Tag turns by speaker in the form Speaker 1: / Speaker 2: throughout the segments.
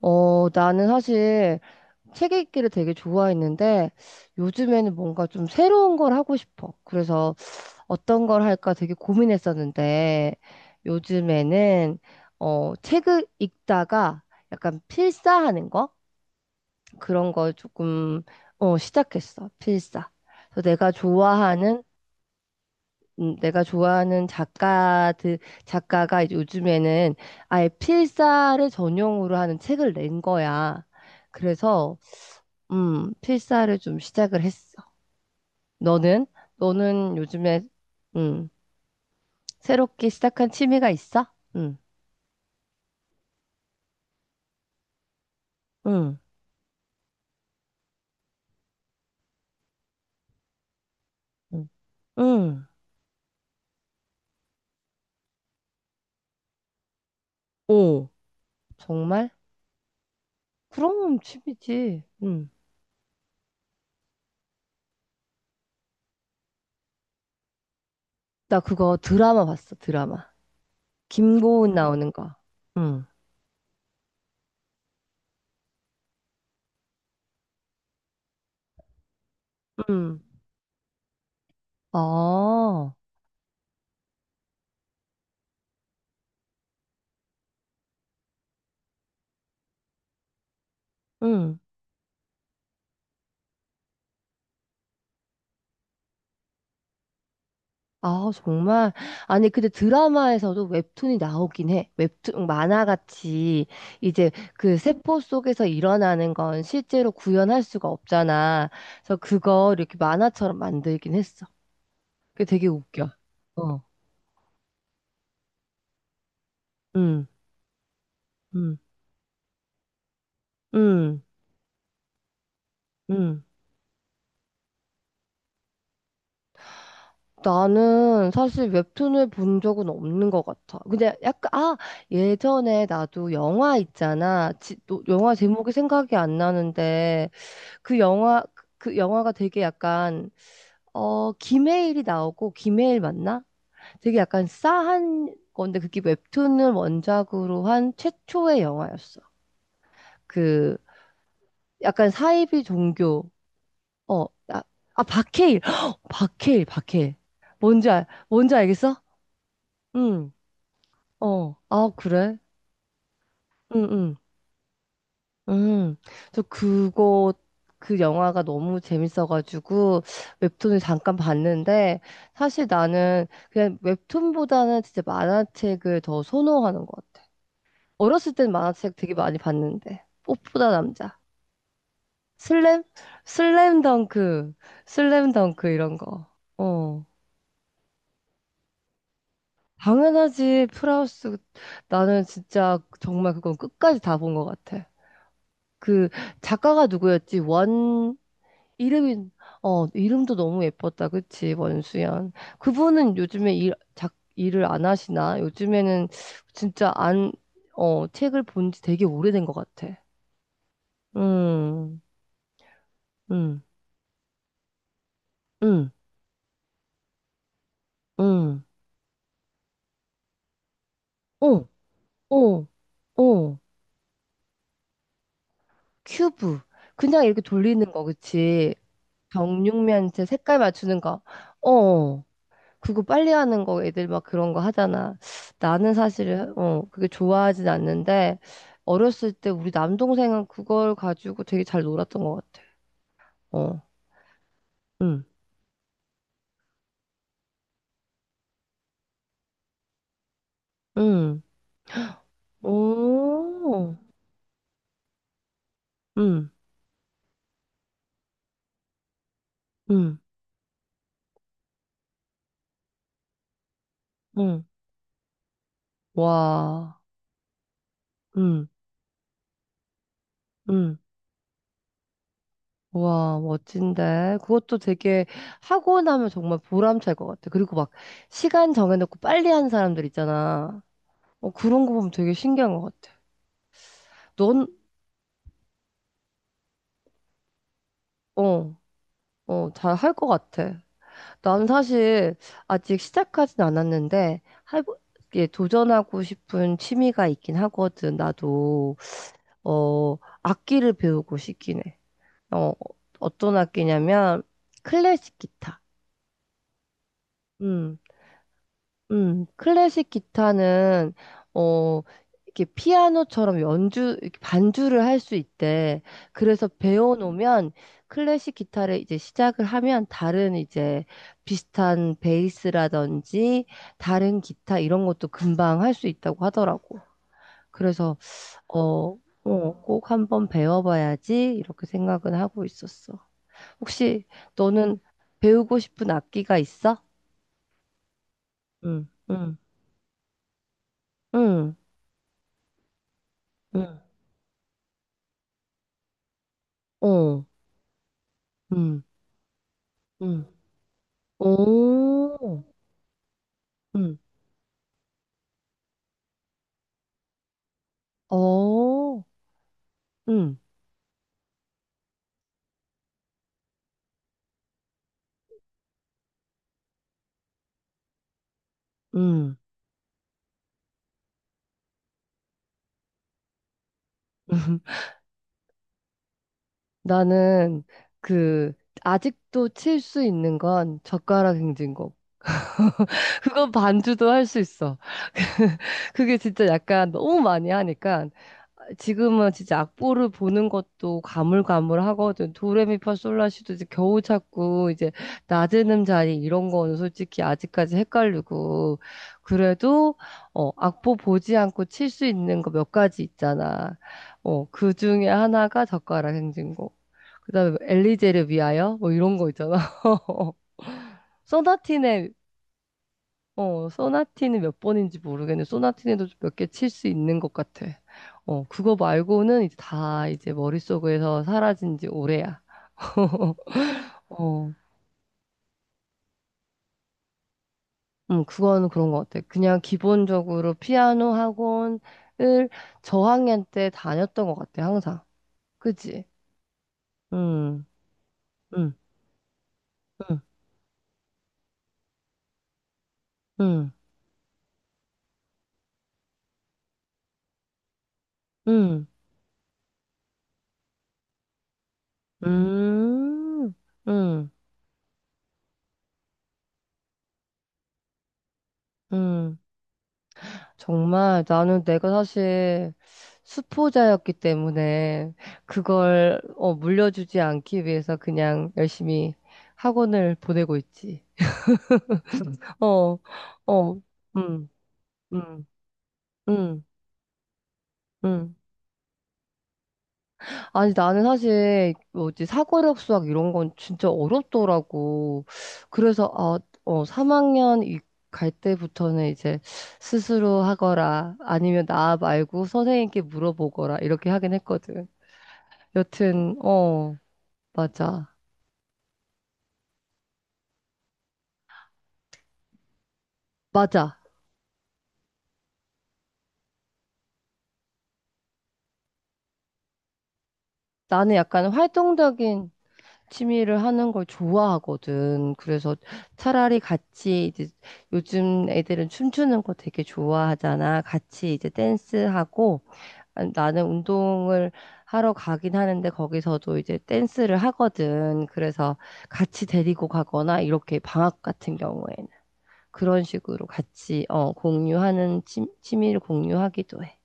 Speaker 1: 나는 사실 책 읽기를 되게 좋아했는데 요즘에는 뭔가 좀 새로운 걸 하고 싶어. 그래서 어떤 걸 할까 되게 고민했었는데 요즘에는 책을 읽다가 약간 필사하는 거? 그런 걸 조금 시작했어. 필사. 그래서 내가 좋아하는 작가가 이제 요즘에는 아예 필사를 전용으로 하는 책을 낸 거야. 그래서 필사를 좀 시작을 했어. 너는? 너는 요즘에, 음, 새롭게 시작한 취미가 있어? 응, 응, 응, 응. 오, 정말? 그럼 취미지. 응. 나 그거 드라마 봤어, 드라마. 김고은 나오는 거. 응, 응. 아, 응. 아, 정말. 아니, 근데 드라마에서도 웹툰이 나오긴 해. 웹툰, 만화같이 이제 그 세포 속에서 일어나는 건 실제로 구현할 수가 없잖아. 그래서 그걸 이렇게 만화처럼 만들긴 했어. 그게 되게 웃겨. 어. 응, 응, 응, 응. 나는 사실 웹툰을 본 적은 없는 것 같아. 근데 약간, 예전에 나도 영화 있잖아. 또 영화 제목이 생각이 안 나는데. 그 영화 그 영화가 되게 약간 김해일이 나오고 김해일 맞나? 되게 약간 싸한 건데 그게 웹툰을 원작으로 한 최초의 영화였어. 그 약간 사이비 종교 어 아, 박해일 박해일 박해일 뭔지 알겠어? 응. 어. 아 그래? 응응. 음, 저 그거, 그 영화가 너무 재밌어가지고 웹툰을 잠깐 봤는데 사실 나는 그냥 웹툰보다는 진짜 만화책을 더 선호하는 것 같아. 어렸을 땐 만화책 되게 많이 봤는데. 꽃보다 남자. 슬램? 슬램덩크. 슬램덩크 이런 거. 어. 당연하지. 프라우스. 나는 진짜 정말 그건 끝까지 다 본 것 같아. 그 작가가 누구였지? 이름이, 이름도 너무 예뻤다. 그치, 원수연. 그분은 요즘에 일을 안 하시나? 요즘에는 진짜 안, 어, 책을 본지 되게 오래된 것 같아. 음, 음, 음, 음. 어, 어, 어. 큐브. 그냥 이렇게 돌리는 거, 그치? 정육면체 색깔 맞추는 거. 어. 어. 그거 빨리 하는 거 애들 막 그런 거 하잖아. 나는 사실 그게 좋아하진 않는데 어렸을 때 우리 남동생은 그걸 가지고 되게 잘 놀았던 것 같아. 어, 응, 응, 오, 응, 응, 응, 와, 응, 응, 와, 멋진데. 그것도 되게 하고 나면 정말 보람찰 것 같아. 그리고 막 시간 정해놓고 빨리 하는 사람들 있잖아. 어, 그런 거 보면 되게 신기한 것 같아. 넌, 어. 잘 할 것 같아. 난 사실 아직 시작하진 않았는데 해보, 예, 도전하고 싶은 취미가 있긴 하거든. 나도 어 악기를 배우고 싶긴 해. 어 어떤 악기냐면 클래식 기타. 음. 클래식 기타는 어 이렇게 피아노처럼 연주 이렇게 반주를 할 수 있대. 그래서 배워놓으면 클래식 기타를 이제 시작을 하면 다른 이제 비슷한 베이스라든지 다른 기타 이런 것도 금방 할 수 있다고 하더라고. 그래서 어, 꼭 한번 배워봐야지 이렇게 생각은 하고 있었어. 혹시 너는 배우고 싶은 악기가 있어? 응, 응, 응, 응. 어, 음, 음, 오, 음, 어, 음, 음. 나는 그 아직도 칠 수 있는 건 젓가락 행진곡. 그거 반주도 할 수 있어. 그게 진짜 약간 너무 많이 하니까 지금은 진짜 악보를 보는 것도 가물가물하거든. 도레미파솔라시도 이제 겨우 찾고 이제 낮은 음자리 이런 거는 솔직히 아직까지 헷갈리고 그래도 악보 보지 않고 칠 수 있는 거 몇 가지 있잖아. 어그 중에 하나가 젓가락 행진곡. 그다음에 뭐 엘리제를 위하여 뭐 이런 거 있잖아. 소나틴에 소나티는 몇 번인지 모르겠는데, 소나티네도 몇 개 칠 수 있는 것 같아. 그거 말고는 이제 다 이제 머릿속에서 사라진 지 오래야. 어, 그거는 그런 것 같아. 그냥 기본적으로 피아노 학원을 저학년 때 다녔던 것 같아, 항상. 그치? 음, 음, 음, 음, 음, 음, 음, 음, 정말 나는 내가 사실 수포자였기 때문에 그걸 물려주지 않기 위해서 그냥 열심히 학원을 보내고 있지. 어, 어, 음, 음, 음, 음. 아니, 나는 사실 뭐지, 사고력 수학 이런 건 진짜 어렵더라고. 그래서, 3학년 갈 때부터는 이제 스스로 하거라, 아니면 나 말고 선생님께 물어보거라, 이렇게 하긴 했거든. 여튼, 맞아. 맞아. 나는 약간 활동적인 취미를 하는 걸 좋아하거든. 그래서 차라리 같이 이제 요즘 애들은 춤추는 거 되게 좋아하잖아. 같이 이제 댄스하고 나는 운동을 하러 가긴 하는데 거기서도 이제 댄스를 하거든. 그래서 같이 데리고 가거나 이렇게 방학 같은 경우에는 그런 식으로 같이 공유하는 취미를 공유하기도 해.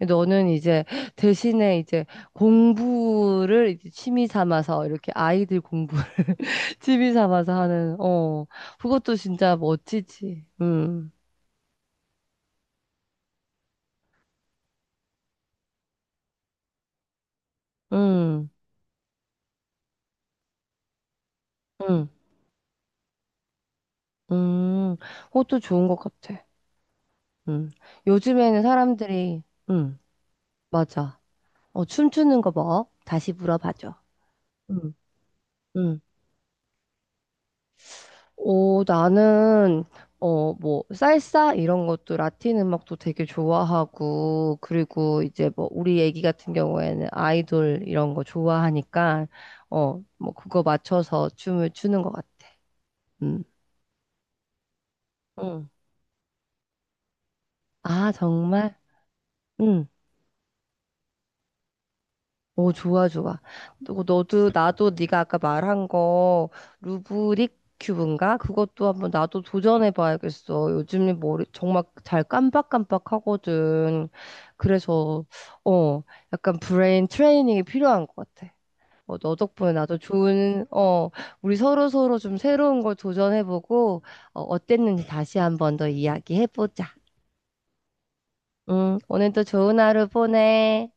Speaker 1: 너는 이제 대신에 이제 공부를 이제 취미 삼아서 이렇게 아이들 공부 취미 삼아서 하는 그것도 진짜 멋지지. 음. 음. 음. 음. 그것도 좋은 것 같아. 음. 요즘에는 사람들이 음. 맞아. 춤추는 거 뭐? 다시 물어봐줘. 음. 음. 오, 나는, 뭐, 살사 이런 것도 라틴 음악도 되게 좋아하고, 그리고 이제 뭐, 우리 애기 같은 경우에는 아이돌 이런 거 좋아하니까, 뭐, 그거 맞춰서 춤을 추는 것 같아. 음. 응. 아, 정말? 응. 오, 좋아, 좋아. 또 너도 나도 네가 아까 말한 거 루브릭 큐브인가? 그것도 한번 나도 도전해 봐야겠어. 요즘에 머리 정말 잘 깜빡깜빡하거든. 그래서 어, 약간 브레인 트레이닝이 필요한 것 같아. 너 덕분에 나도 우리 서로 서로 좀 새로운 걸 도전해 보고 어땠는지 다시 한번 더 이야기해 보자. 응, 오늘도 좋은 하루 보내.